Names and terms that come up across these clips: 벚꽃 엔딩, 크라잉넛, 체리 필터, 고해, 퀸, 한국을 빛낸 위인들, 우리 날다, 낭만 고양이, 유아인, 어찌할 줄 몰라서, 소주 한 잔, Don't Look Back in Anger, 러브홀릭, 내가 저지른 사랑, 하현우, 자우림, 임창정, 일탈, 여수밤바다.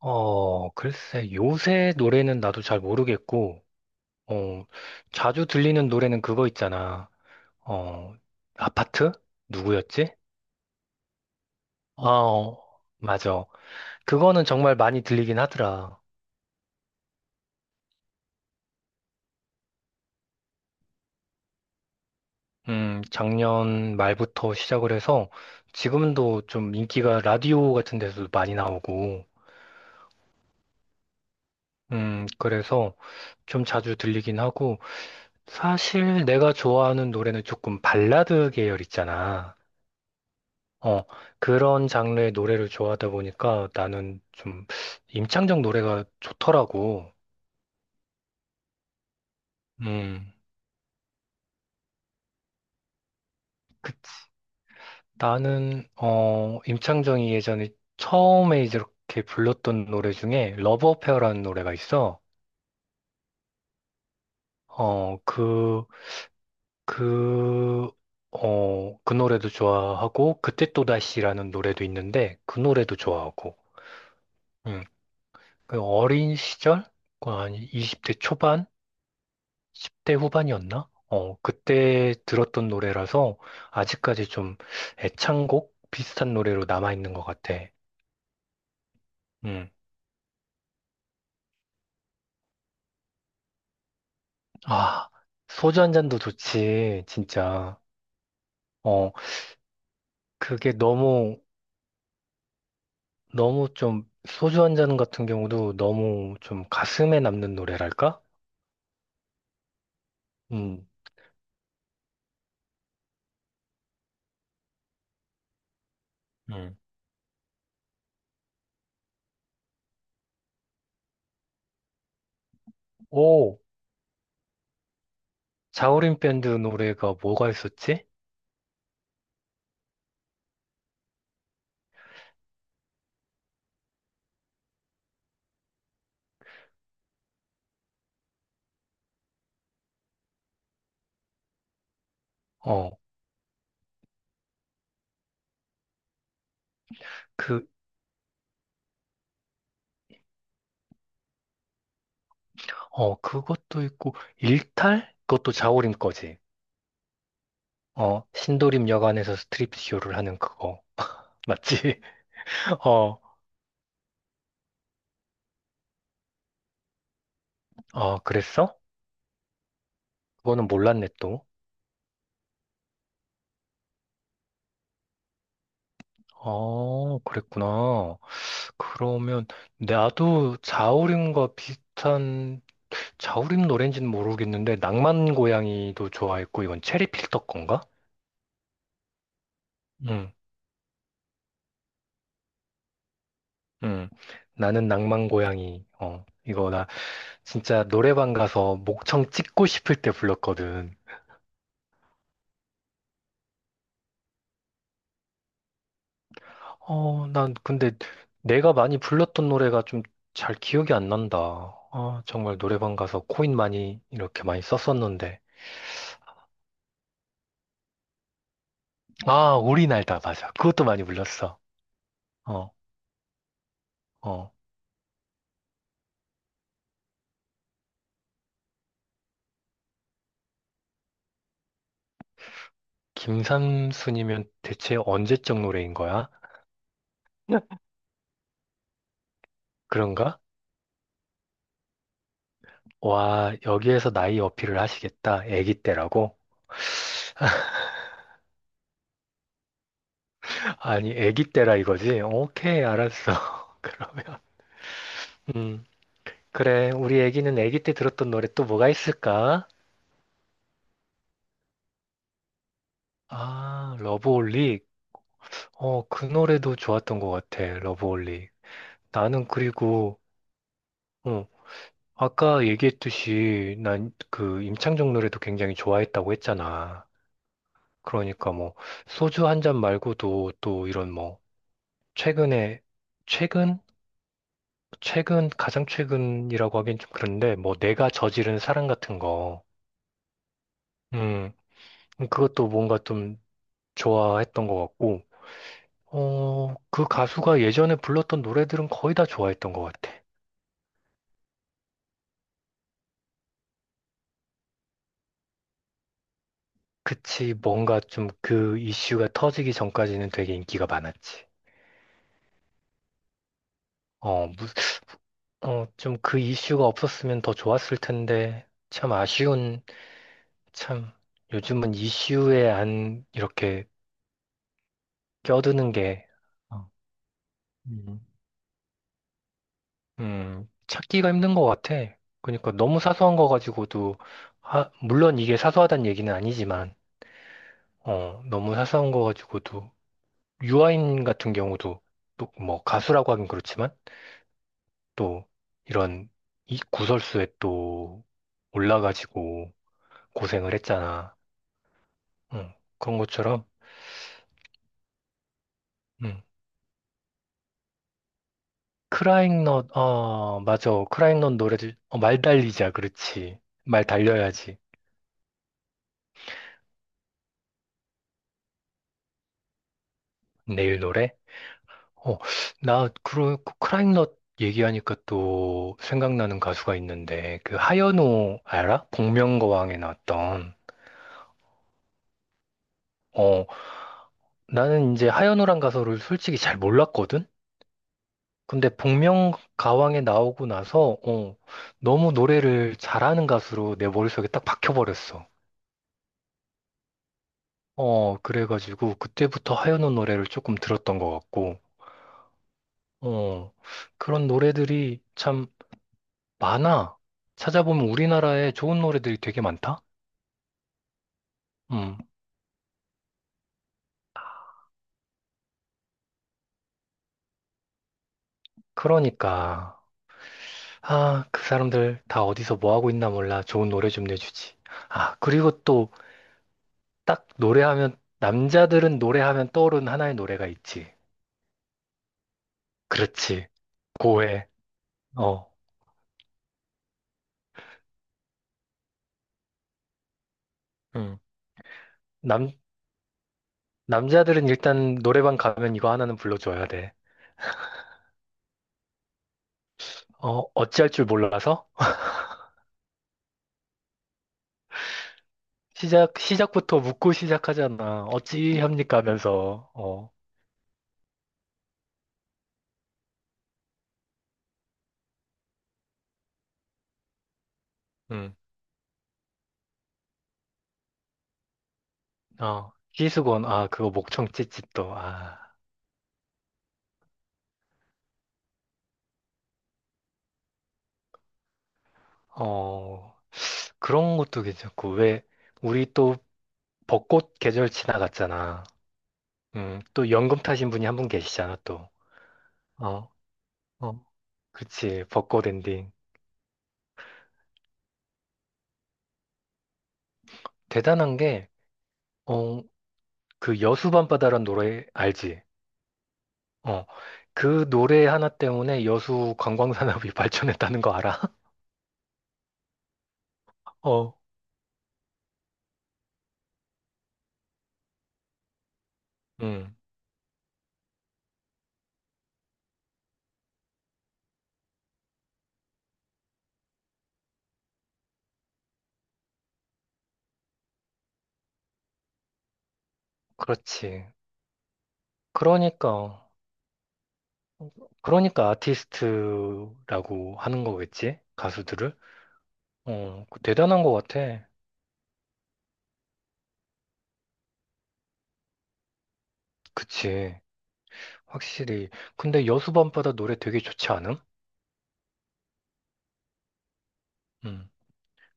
글쎄, 요새 노래는 나도 잘 모르겠고, 어, 자주 들리는 노래는 그거 있잖아. 어, 아파트? 누구였지? 아, 어, 맞아. 그거는 정말 많이 들리긴 하더라. 작년 말부터 시작을 해서 지금도 좀 인기가 라디오 같은 데서도 많이 나오고, 그래서 좀 자주 들리긴 하고, 사실 내가 좋아하는 노래는 조금 발라드 계열 있잖아. 어, 그런 장르의 노래를 좋아하다 보니까 나는 좀 임창정 노래가 좋더라고. 음. 그, 나는, 임창정이 예전에 처음에 이렇게 불렀던 노래 중에 러브 어페어라는 노래가 있어. 어, 그, 그 노래도 좋아하고, 그때 또다시라는 노래도 있는데, 그 노래도 좋아하고, 음, 그 어린 시절? 아니, 20대 초반? 10대 후반이었나? 어, 그때 들었던 노래라서 아직까지 좀 애창곡 비슷한 노래로 남아있는 것 같아. 음. 아, 소주 한 잔도 좋지, 진짜. 어, 그게 너무, 너무 좀, 소주 한 잔 같은 경우도 너무 좀 가슴에 남는 노래랄까? 음, 음. 오, 자우림 밴드 노래가 뭐가 있었지? 어, 그, 그것도 있고, 일탈? 그것도 자우림 거지. 어, 신도림 여관에서 스트립쇼를 하는 그거. 맞지? 어, 어, 그랬어? 그거는 몰랐네, 또. 어, 그랬구나. 그러면, 나도 자우림과 비슷한, 자우림 노래인지는 모르겠는데, 낭만 고양이도 좋아했고, 이건 체리 필터 건가? 응, 응. 나는 낭만 고양이. 어, 이거 나 진짜 노래방 가서 목청 찍고 싶을 때 불렀거든. 어, 난 근데 내가 많이 불렀던 노래가 좀 잘 기억이 안 난다. 아, 정말 노래방 가서 코인 많이 이렇게 많이 썼었는데. 아, 우리 날다 맞아. 그것도 많이 불렀어. 어, 어. 김삼순이면 대체 언제적 노래인 거야? 응. 그런가? 와, 여기에서 나이 어필을 하시겠다. 애기 때라고? 아니, 애기 때라 이거지? 오케이, 알았어. 그러면. 음, 그래. 우리 애기는 애기 때 들었던 노래 또 뭐가 있을까? 아, 러브홀릭. 어, 그 노래도 좋았던 것 같아, 러브홀리. 나는 그리고, 어, 아까 얘기했듯이 난 그 임창정 노래도 굉장히 좋아했다고 했잖아. 그러니까 뭐, 소주 한 잔 말고도 또 이런 뭐, 최근에, 최근? 최근, 가장 최근이라고 하긴 좀 그런데, 뭐, 내가 저지른 사랑 같은 거, 음, 그것도 뭔가 좀 좋아했던 것 같고, 어, 그 가수가 예전에 불렀던 노래들은 거의 다 좋아했던 것 같아. 그치, 뭔가 좀 그 이슈가 터지기 전까지는 되게 인기가 많았지. 어, 무, 어, 좀 그 이슈가 없었으면 더 좋았을 텐데, 참 아쉬운, 참, 요즘은 이슈에 안 이렇게 껴드는 게, 어, 음, 찾기가 힘든 것 같아. 그러니까 너무 사소한 거 가지고도, 하, 물론 이게 사소하다는 얘기는 아니지만, 어, 너무 사소한 거 가지고도, 유아인 같은 경우도, 또 뭐 가수라고 하긴 그렇지만, 또 이런 이 구설수에 또 올라가지고 고생을 했잖아. 응. 그런 것처럼, 응. 크라잉넛, 어, 맞아. 크라잉넛 노래들, 어, 말 달리자. 그렇지. 말 달려야지. 내일 노래? 어, 그 크라잉넛 얘기하니까 또 생각나는 가수가 있는데, 그 하현우 알아? 복면가왕에 나왔던. 어, 나는 이제 하현우란 가수를 솔직히 잘 몰랐거든? 근데 복면가왕에 나오고 나서 어, 너무 노래를 잘하는 가수로 내 머릿속에 딱 박혀버렸어. 어, 그래가지고 그때부터 하현우 노래를 조금 들었던 것 같고, 어, 그런 노래들이 참 많아. 찾아보면 우리나라에 좋은 노래들이 되게 많다? 음, 그러니까. 아, 그 사람들 다 어디서 뭐 하고 있나 몰라. 좋은 노래 좀 내주지. 아, 그리고 또 딱 노래하면, 남자들은 노래하면 떠오르는 하나의 노래가 있지. 그렇지. 고해. 어, 응. 남, 남자들은 일단 노래방 가면 이거 하나는 불러줘야 돼. 어, 어찌할 줄 몰라서? 시작부터 묻고 시작하잖아. 어찌합니까 하면서, 어, 응. 어, 희수건, 아, 그거 목청 찢찢도, 아, 어, 그런 것도 괜찮고, 왜, 우리 또 벚꽃 계절 지나갔잖아. 응, 또 연금 타신 분이 한 분 계시잖아, 또. 어, 어, 그치, 벚꽃 엔딩. 대단한 게, 어, 그 여수밤바다란 노래 알지? 어. 그 노래 하나 때문에 여수 관광산업이 발전했다는 거 알아? 어. 음. 그렇지. 그러니까 그러니까 아티스트라고 하는 거겠지? 가수들을? 어. 그 대단한 거 같아. 그치. 확실히. 근데 여수밤바다 노래 되게 좋지 않음? 음.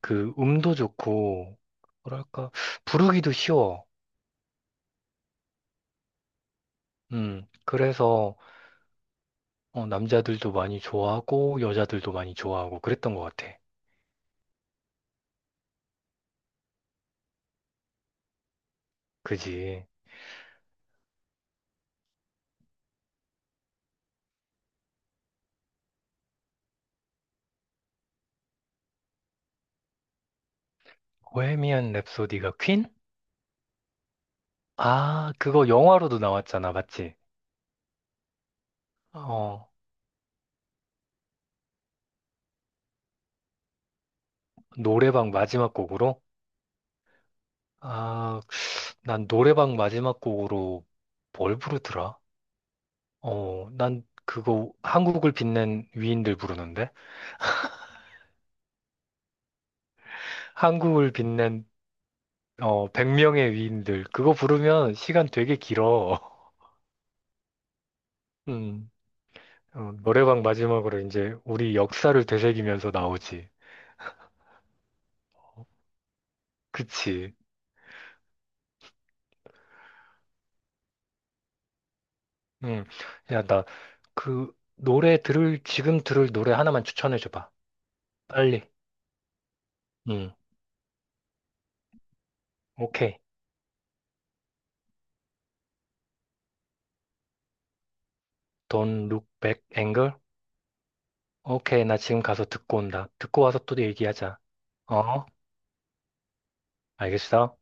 그 음도 좋고 뭐랄까 부르기도 쉬워. 음. 그래서 어, 남자들도 많이 좋아하고 여자들도 많이 좋아하고 그랬던 것 같아. 그지? 보헤미안 랩소디가 퀸? 아, 그거 영화로도 나왔잖아, 맞지? 어, 노래방 마지막 곡으로? 아, 난 노래방 마지막 곡으로 뭘 부르더라? 어, 난 그거 한국을 빛낸 위인들 부르는데? 한국을 빛낸 어, 100명의 위인들. 그거 부르면 시간 되게 길어. 음. 어, 노래방 마지막으로 이제 우리 역사를 되새기면서 나오지. 그치. 응. 야, 나, 노래 들을, 지금 들을 노래 하나만 추천해줘봐. 빨리. 응. 오케이. Don't look back, anger. 오케이. 나 지금 가서 듣고 온다. 듣고 와서 또 얘기하자. 어? 알겠어?